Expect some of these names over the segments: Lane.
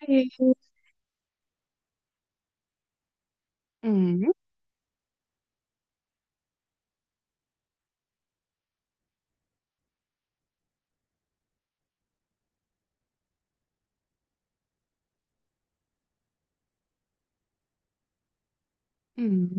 Hey. Mhm. Mhm.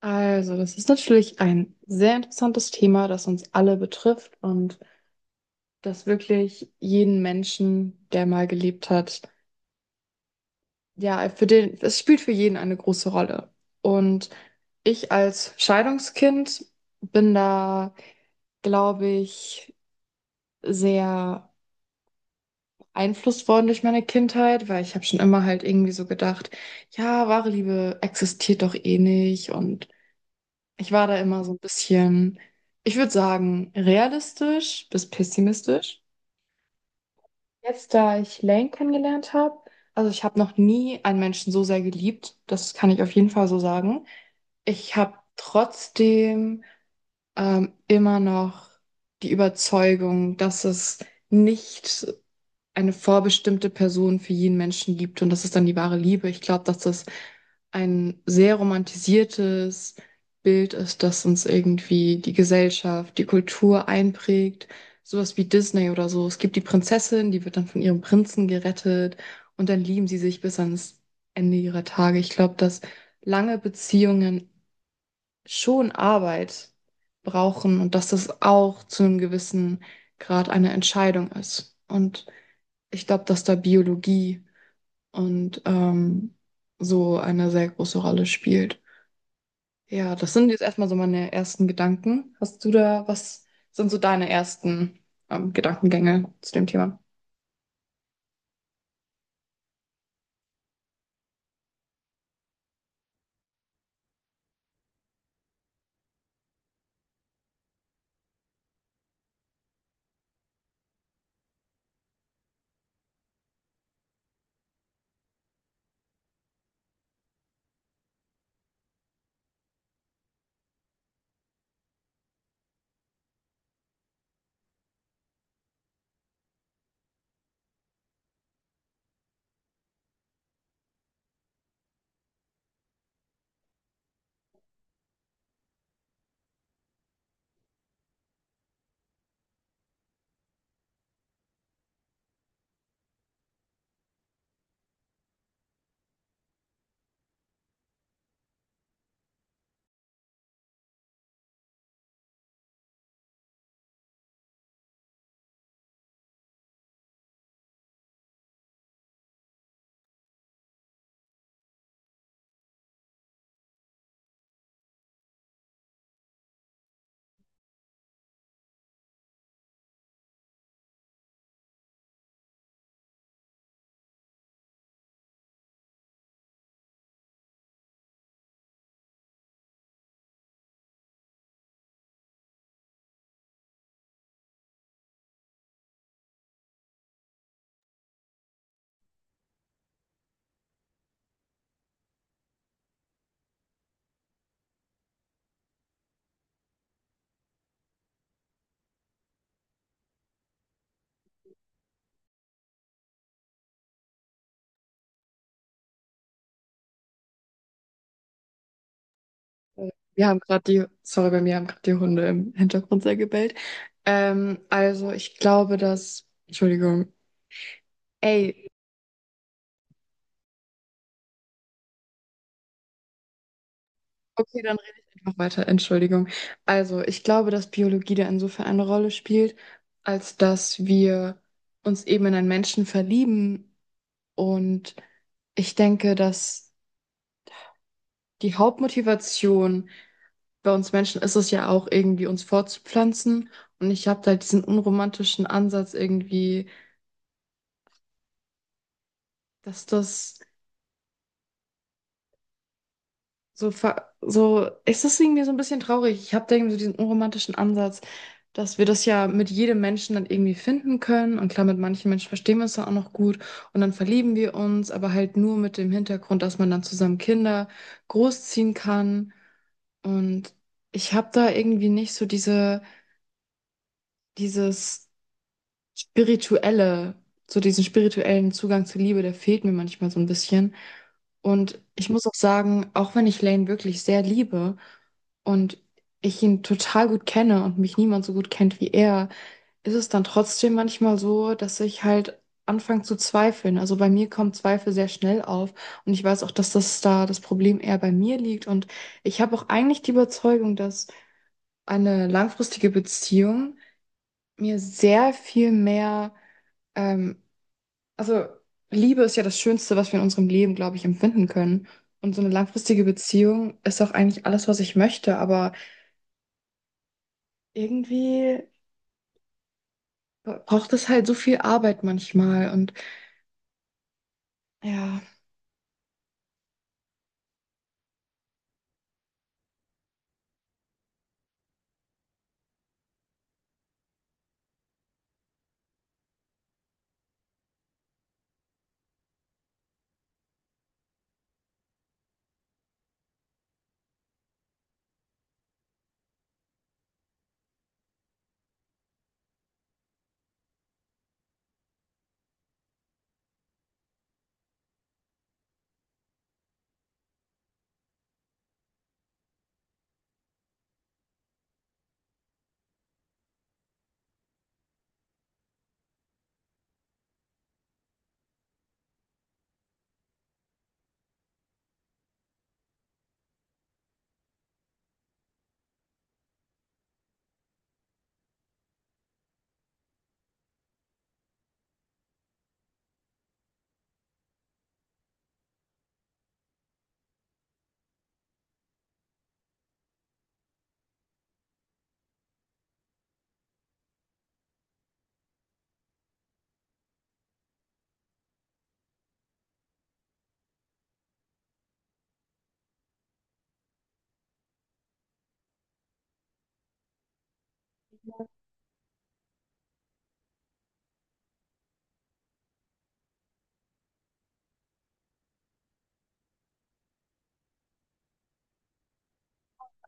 Also, das ist natürlich ein sehr interessantes Thema, das uns alle betrifft und das wirklich jeden Menschen, der mal gelebt hat, ja, für den, es spielt für jeden eine große Rolle. Und ich als Scheidungskind bin da, glaube ich, sehr beeinflusst worden durch meine Kindheit, weil ich habe schon immer halt irgendwie so gedacht, ja, wahre Liebe existiert doch eh nicht und ich war da immer so ein bisschen, ich würde sagen, realistisch bis pessimistisch. Jetzt, da ich Lane kennengelernt habe, also ich habe noch nie einen Menschen so sehr geliebt, das kann ich auf jeden Fall so sagen. Ich habe trotzdem immer noch die Überzeugung, dass es nicht eine vorbestimmte Person für jeden Menschen gibt und das ist dann die wahre Liebe. Ich glaube, dass das ein sehr romantisiertes Bild ist, das uns irgendwie die Gesellschaft, die Kultur einprägt. Sowas wie Disney oder so. Es gibt die Prinzessin, die wird dann von ihrem Prinzen gerettet und dann lieben sie sich bis ans Ende ihrer Tage. Ich glaube, dass lange Beziehungen schon Arbeit brauchen und dass das auch zu einem gewissen Grad eine Entscheidung ist. Und ich glaube, dass da Biologie und so eine sehr große Rolle spielt. Ja, das sind jetzt erstmal so meine ersten Gedanken. Hast du da, was sind so deine ersten Gedankengänge zu dem Thema? Äh, Wir haben gerade die, sorry, bei mir haben gerade die Hunde im Hintergrund sehr gebellt. Also ich glaube, dass, Entschuldigung, ey, okay, dann rede ich einfach weiter. Entschuldigung. Also, ich glaube, dass Biologie da insofern eine Rolle spielt, als dass wir uns eben in einen Menschen verlieben. Und ich denke, dass die Hauptmotivation bei uns Menschen ist es ja auch irgendwie, uns fortzupflanzen. Und ich habe da diesen unromantischen Ansatz irgendwie, dass das so, so ist das irgendwie so ein bisschen traurig. Ich habe da irgendwie so diesen unromantischen Ansatz, dass wir das ja mit jedem Menschen dann irgendwie finden können. Und klar, mit manchen Menschen verstehen wir es dann auch noch gut und dann verlieben wir uns, aber halt nur mit dem Hintergrund, dass man dann zusammen Kinder großziehen kann. Und ich habe da irgendwie nicht so diese, dieses spirituelle, so diesen spirituellen Zugang zur Liebe, der fehlt mir manchmal so ein bisschen. Und ich muss auch sagen, auch wenn ich Lane wirklich sehr liebe und ich ihn total gut kenne und mich niemand so gut kennt wie er, ist es dann trotzdem manchmal so, dass ich halt anfange zu zweifeln. Also bei mir kommt Zweifel sehr schnell auf und ich weiß auch, dass das da das Problem eher bei mir liegt. Und ich habe auch eigentlich die Überzeugung, dass eine langfristige Beziehung mir sehr viel mehr ähm, also Liebe ist ja das Schönste, was wir in unserem Leben, glaube ich, empfinden können. Und so eine langfristige Beziehung ist auch eigentlich alles, was ich möchte. Aber irgendwie braucht es halt so viel Arbeit manchmal. Und ja,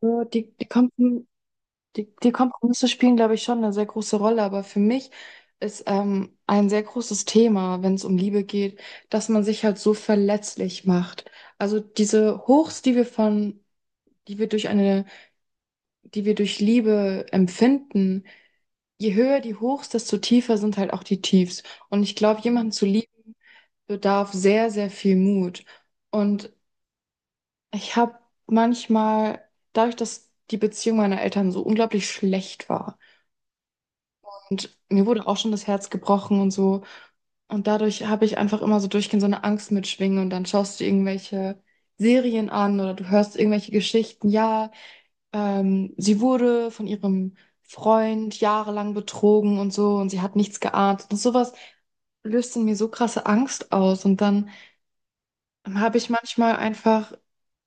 so die, die Kompromisse spielen, glaube ich, schon eine sehr große Rolle. Aber für mich ist ein sehr großes Thema, wenn es um Liebe geht, dass man sich halt so verletzlich macht. Also diese Hochs, die wir durch eine, die wir durch Liebe empfinden, je höher die Hochs, desto tiefer sind halt auch die Tiefs. Und ich glaube, jemanden zu lieben bedarf sehr, sehr viel Mut. Und ich habe manchmal, dadurch, dass die Beziehung meiner Eltern so unglaublich schlecht war und mir wurde auch schon das Herz gebrochen und so. Und dadurch habe ich einfach immer so durchgehend so eine Angst mitschwingen und dann schaust du irgendwelche Serien an oder du hörst irgendwelche Geschichten. Ja, sie wurde von ihrem Freund jahrelang betrogen und so und sie hat nichts geahnt. Und sowas löst in mir so krasse Angst aus. Und dann habe ich manchmal einfach,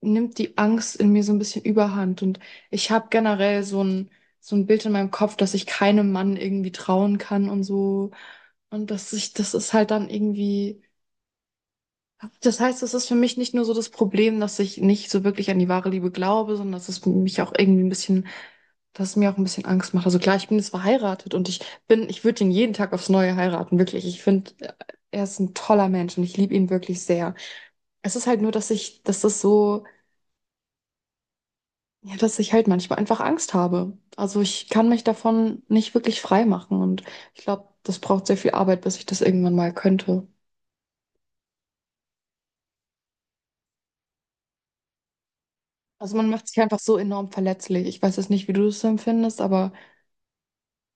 nimmt die Angst in mir so ein bisschen Überhand. Und ich habe generell so ein Bild in meinem Kopf, dass ich keinem Mann irgendwie trauen kann und so. Und dass ich, das ist halt dann irgendwie. Das heißt, es ist für mich nicht nur so das Problem, dass ich nicht so wirklich an die wahre Liebe glaube, sondern dass es mich auch irgendwie ein bisschen das mir auch ein bisschen Angst macht. Also klar, ich bin jetzt verheiratet und ich bin, ich würde ihn jeden Tag aufs Neue heiraten, wirklich. Ich finde, er ist ein toller Mensch und ich liebe ihn wirklich sehr. Es ist halt nur, dass ich, dass das so, ja, dass ich halt manchmal einfach Angst habe. Also ich kann mich davon nicht wirklich frei machen und ich glaube, das braucht sehr viel Arbeit, bis ich das irgendwann mal könnte. Also man macht sich einfach so enorm verletzlich. Ich weiß jetzt nicht, wie du das empfindest, aber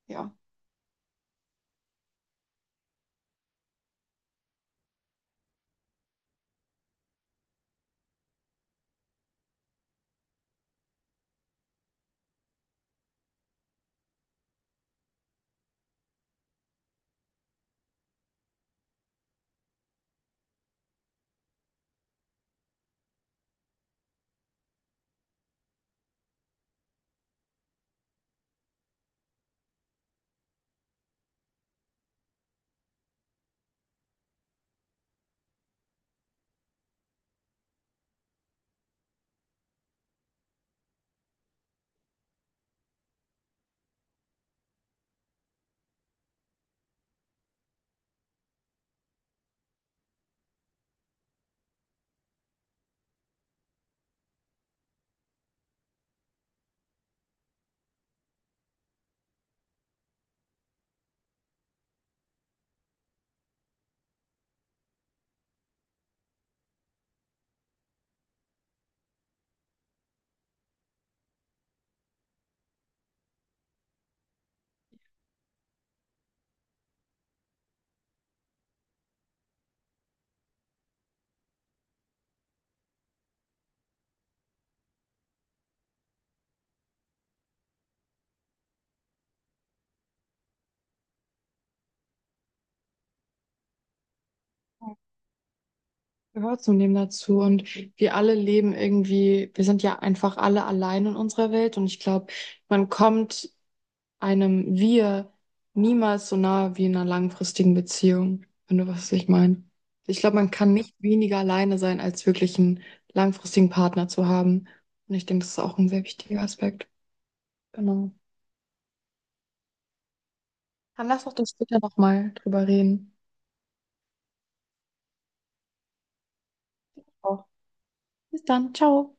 ja. Gehört zunehmend dazu und wir alle leben irgendwie, wir sind ja einfach alle allein in unserer Welt und ich glaube, man kommt einem Wir niemals so nahe wie in einer langfristigen Beziehung, wenn du weißt, was ich meine. Ich glaube, man kann nicht weniger alleine sein, als wirklich einen langfristigen Partner zu haben. Und ich denke, das ist auch ein sehr wichtiger Aspekt. Genau. Dann lass doch das später nochmal drüber reden. Auch. Bis dann. Ciao.